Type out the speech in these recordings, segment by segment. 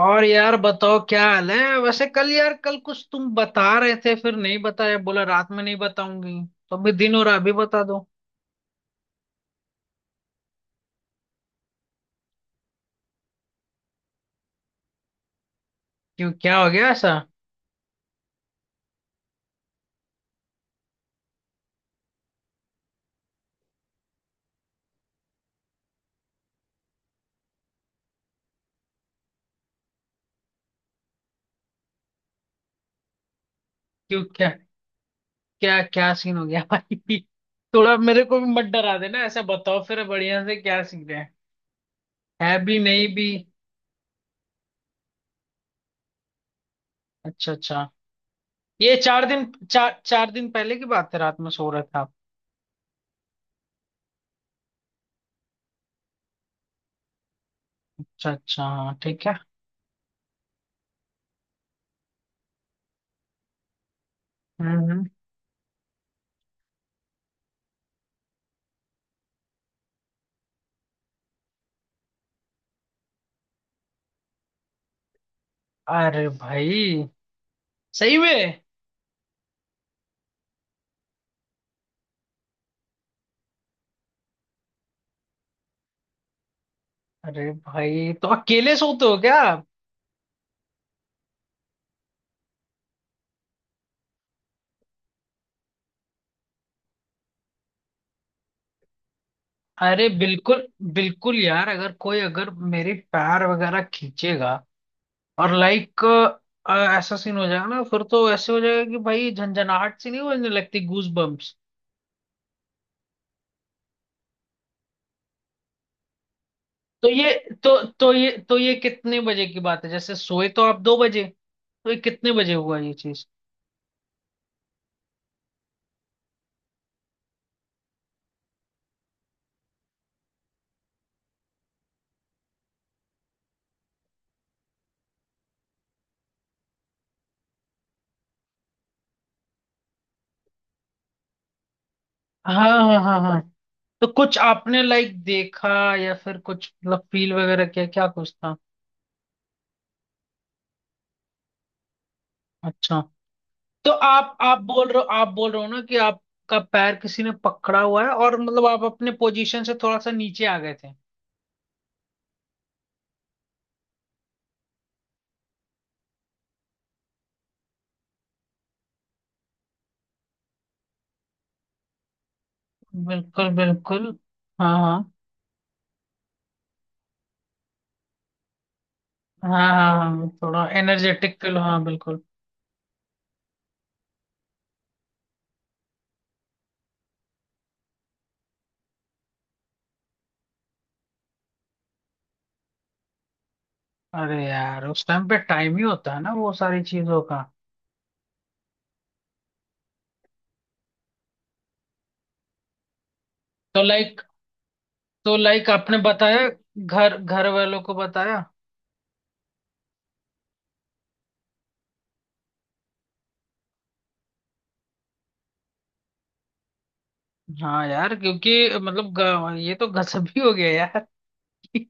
और यार बताओ, क्या हाल है? वैसे कल, यार कल कुछ तुम बता रहे थे, फिर नहीं बताया, बोला रात में नहीं बताऊंगी। तो अभी दिन हो रहा, अभी बता दो। क्यों, क्या हो गया ऐसा? क्यों? क्या क्या क्या सीन हो गया भाई? थोड़ा मेरे को भी मत डरा देना, ऐसा बताओ फिर बढ़िया से क्या सीन है। है भी नहीं भी? अच्छा, अच्छा। ये चार दिन चार 4 दिन पहले की बात है, रात में सो रहे थे आप? अच्छा अच्छा, हाँ ठीक है। हम्म, अरे भाई, सही में? अरे भाई, तो अकेले सोते हो क्या? अरे, बिल्कुल। बिल्कुल यार, अगर कोई अगर मेरे पैर वगैरह खींचेगा और लाइक ऐसा सीन हो जाएगा ना, फिर तो ऐसे हो जाएगा कि भाई झंझनाहट सी नहीं होने लगती, गूज बम्प्स। तो ये तो ये कितने बजे की बात है? जैसे सोए तो आप 2 बजे? तो ये कितने बजे हुआ ये चीज? हाँ हाँ हाँ हाँ। तो कुछ आपने लाइक देखा या फिर कुछ मतलब फील वगैरह किया, क्या कुछ था? अच्छा। तो आप बोल रहे हो, आप बोल रहे हो ना कि आपका पैर किसी ने पकड़ा हुआ है और मतलब आप अपने पोजीशन से थोड़ा सा नीचे आ गए थे? बिल्कुल, बिल्कुल। हाँ हाँ हाँ हाँ हाँ हाँ। थोड़ा एनर्जेटिक फील, हाँ बिल्कुल। अरे यार, उस टाइम पे टाइम ही होता है ना वो सारी चीजों का। तो लाइक तो लाइक आपने बताया, घर घर वालों को बताया? हाँ यार, क्योंकि मतलब ये तो गजब ही हो गया यार।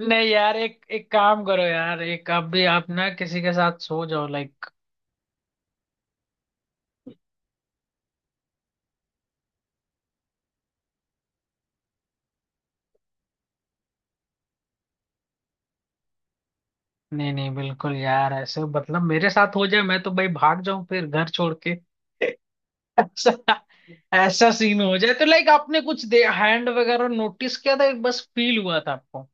नहीं यार, एक एक काम करो यार, एक आप भी आप ना किसी के साथ सो जाओ लाइक। नहीं नहीं, बिल्कुल यार, ऐसे मतलब मेरे साथ हो जाए मैं तो भाई भाग जाऊं फिर घर छोड़ के। ऐसा ऐसा सीन हो जाए तो लाइक आपने कुछ दे हैंड वगैरह नोटिस किया था, बस फील हुआ था आपको?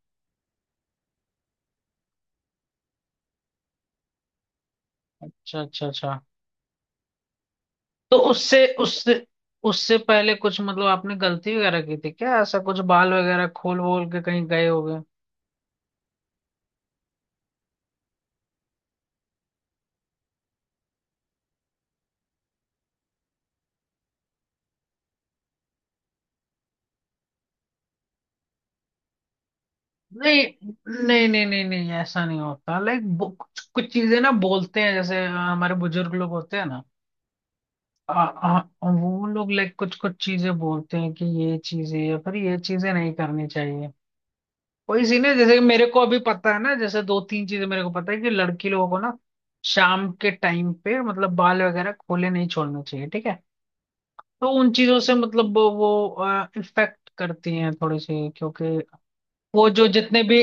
अच्छा, अच्छा, अच्छा। तो उससे उससे उससे पहले कुछ मतलब आपने गलती वगैरह की थी क्या? ऐसा कुछ बाल वगैरह खोल वोल के कहीं गए होगे? नहीं, नहीं, नहीं, नहीं, नहीं, ऐसा नहीं होता लाइक। कुछ कुछ चीजें ना बोलते हैं, जैसे हमारे बुजुर्ग लोग होते हैं ना। आ, आ, वो लोग लाइक कुछ कुछ चीजें बोलते हैं कि ये चीजें या फिर ये चीजें नहीं करनी चाहिए। वही सीन है, जैसे कि मेरे को अभी पता है ना, जैसे दो तीन चीजें मेरे को पता है कि लड़की लोगों को ना शाम के टाइम पे मतलब बाल वगैरह खोले नहीं छोड़ने चाहिए, ठीक है? तो उन चीजों से मतलब वो इफेक्ट करती हैं थोड़ी सी, क्योंकि वो जो जितने भी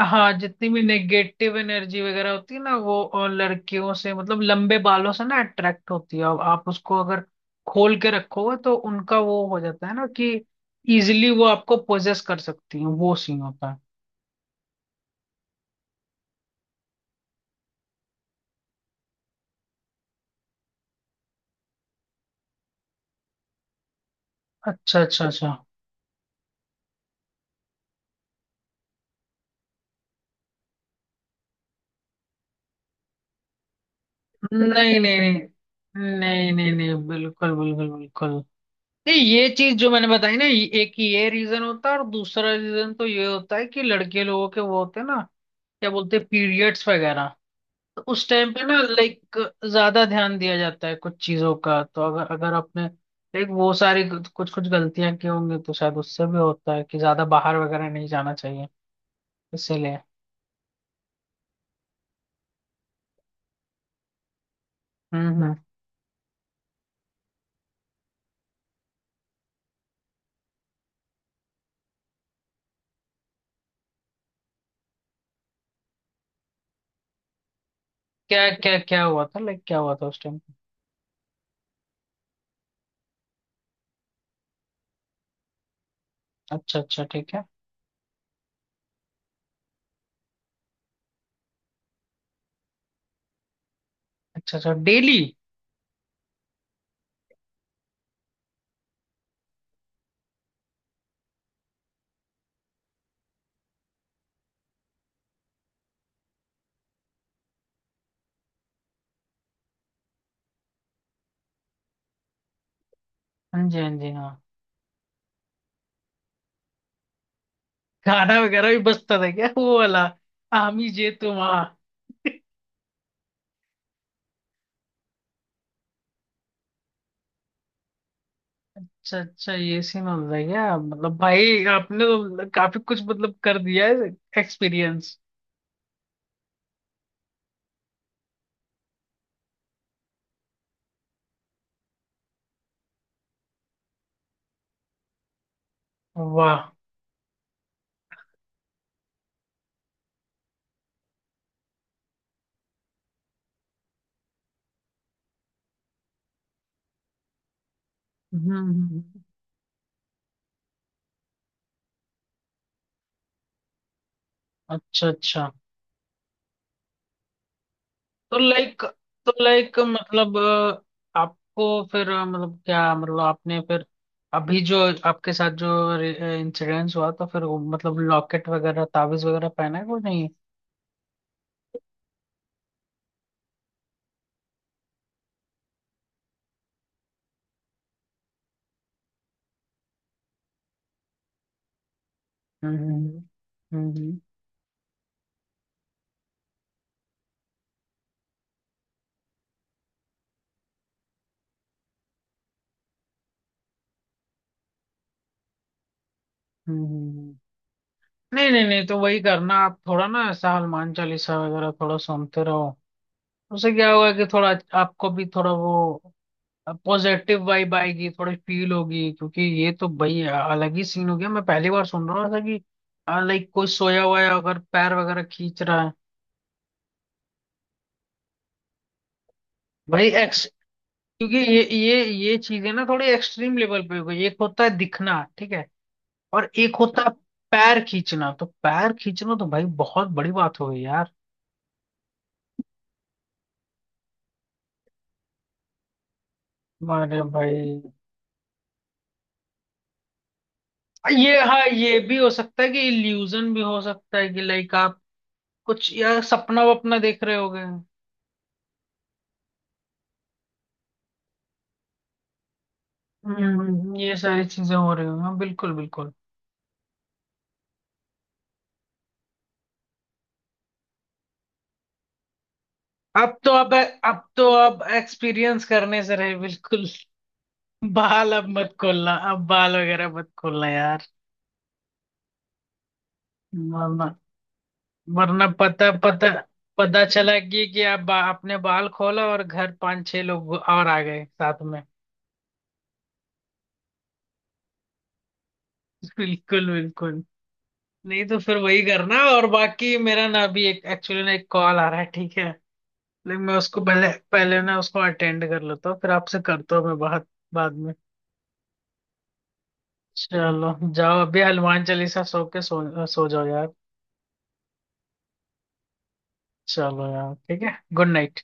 हाँ, जितनी भी नेगेटिव एनर्जी वगैरह होती है ना, वो लड़कियों से मतलब लंबे बालों से ना अट्रैक्ट होती है, अब आप उसको अगर खोल के रखोगे तो उनका वो हो जाता है ना कि इजिली वो आपको पोजेस कर सकती है, वो सीन होता है। अच्छा, अच्छा, अच्छा। नहीं, नहीं, नहीं, नहीं, नहीं, नहीं बिल्कुल, बिल्कुल, बिल्कुल। नहीं, ये चीज जो मैंने बताई ना, एक ये रीजन होता है और दूसरा रीजन तो ये होता है कि लड़के लोगों के वो होते हैं ना, क्या बोलते हैं, पीरियड्स वगैरह। तो उस टाइम पे ना लाइक ज्यादा ध्यान दिया जाता है कुछ चीजों का, तो अगर अगर आपने लाइक वो सारी कुछ कुछ गलतियां की होंगी तो शायद उससे भी होता है कि ज्यादा बाहर वगैरह नहीं जाना चाहिए, इसीलिए। हम्म, हम्म। क्या क्या क्या हुआ था लाइक, क्या हुआ था उस टाइम? अच्छा अच्छा, ठीक है। अच्छा अच्छा, डेली? हाँ जी, हाँ जी, हाँ। गाना वगैरह भी बजता था क्या, वो वाला आमी जे तुम आ? अच्छा अच्छा, ये सीन हो रहा है क्या? मतलब भाई आपने तो काफी कुछ मतलब कर दिया है, एक्सपीरियंस। वाह। हम्म हम्म, हम्म। अच्छा, अच्छा। तो लाइक तो लाइक मतलब आपको फिर मतलब क्या, मतलब आपने फिर अभी जो आपके साथ जो इंसिडेंस हुआ तो फिर वो मतलब लॉकेट वगैरह ताबीज वगैरह पहना है वो नहीं? हम्म, हम्म हम्म, हम्म, हम्म। नहीं, नहीं, नहीं, तो वही करना। आप थोड़ा ना ऐसा हनुमान चालीसा वगैरह थोड़ा सुनते रहो, उससे क्या होगा कि थोड़ा आपको भी थोड़ा वो, अब पॉजिटिव वाइब आएगी, थोड़ी फील होगी। क्योंकि ये तो भाई अलग ही सीन हो गया, मैं पहली बार सुन रहा हूँ ऐसा कि लाइक कोई सोया हुआ है अगर पैर वगैरह खींच रहा है। भाई एक्स क्योंकि ये चीजें ना थोड़ी एक्सट्रीम लेवल पे हो गई। एक होता है दिखना, ठीक है, और एक होता है पैर खींचना। तो पैर खींचना तो भाई बहुत बड़ी बात हो गई यार। अरे भाई। ये हाँ, ये भी हो सकता है कि इल्यूजन भी हो सकता है कि लाइक आप कुछ यार सपना वपना देख रहे होगे। ये सारी चीजें हो रही हैं, हाँ, बिल्कुल, बिल्कुल। अब तो अब अब तो अब एक्सपीरियंस करने से रहे, बिल्कुल। बाल अब मत खोलना, अब बाल वगैरह मत खोलना यार। वरना वरना, पता पता पता चला कि आप आपने बाल खोला और घर पांच छह लोग और आ गए साथ में। बिल्कुल, बिल्कुल। नहीं तो फिर वही करना, और बाकी मेरा ना अभी एक एक्चुअली ना एक कॉल आ रहा है, ठीक है? लेकिन मैं उसको पहले पहले ना उसको अटेंड कर लेता हूँ, फिर आपसे करता हूँ मैं बात बाद में। चलो जाओ अभी हनुमान चालीसा, सो जाओ यार। चलो यार, ठीक है, गुड नाइट।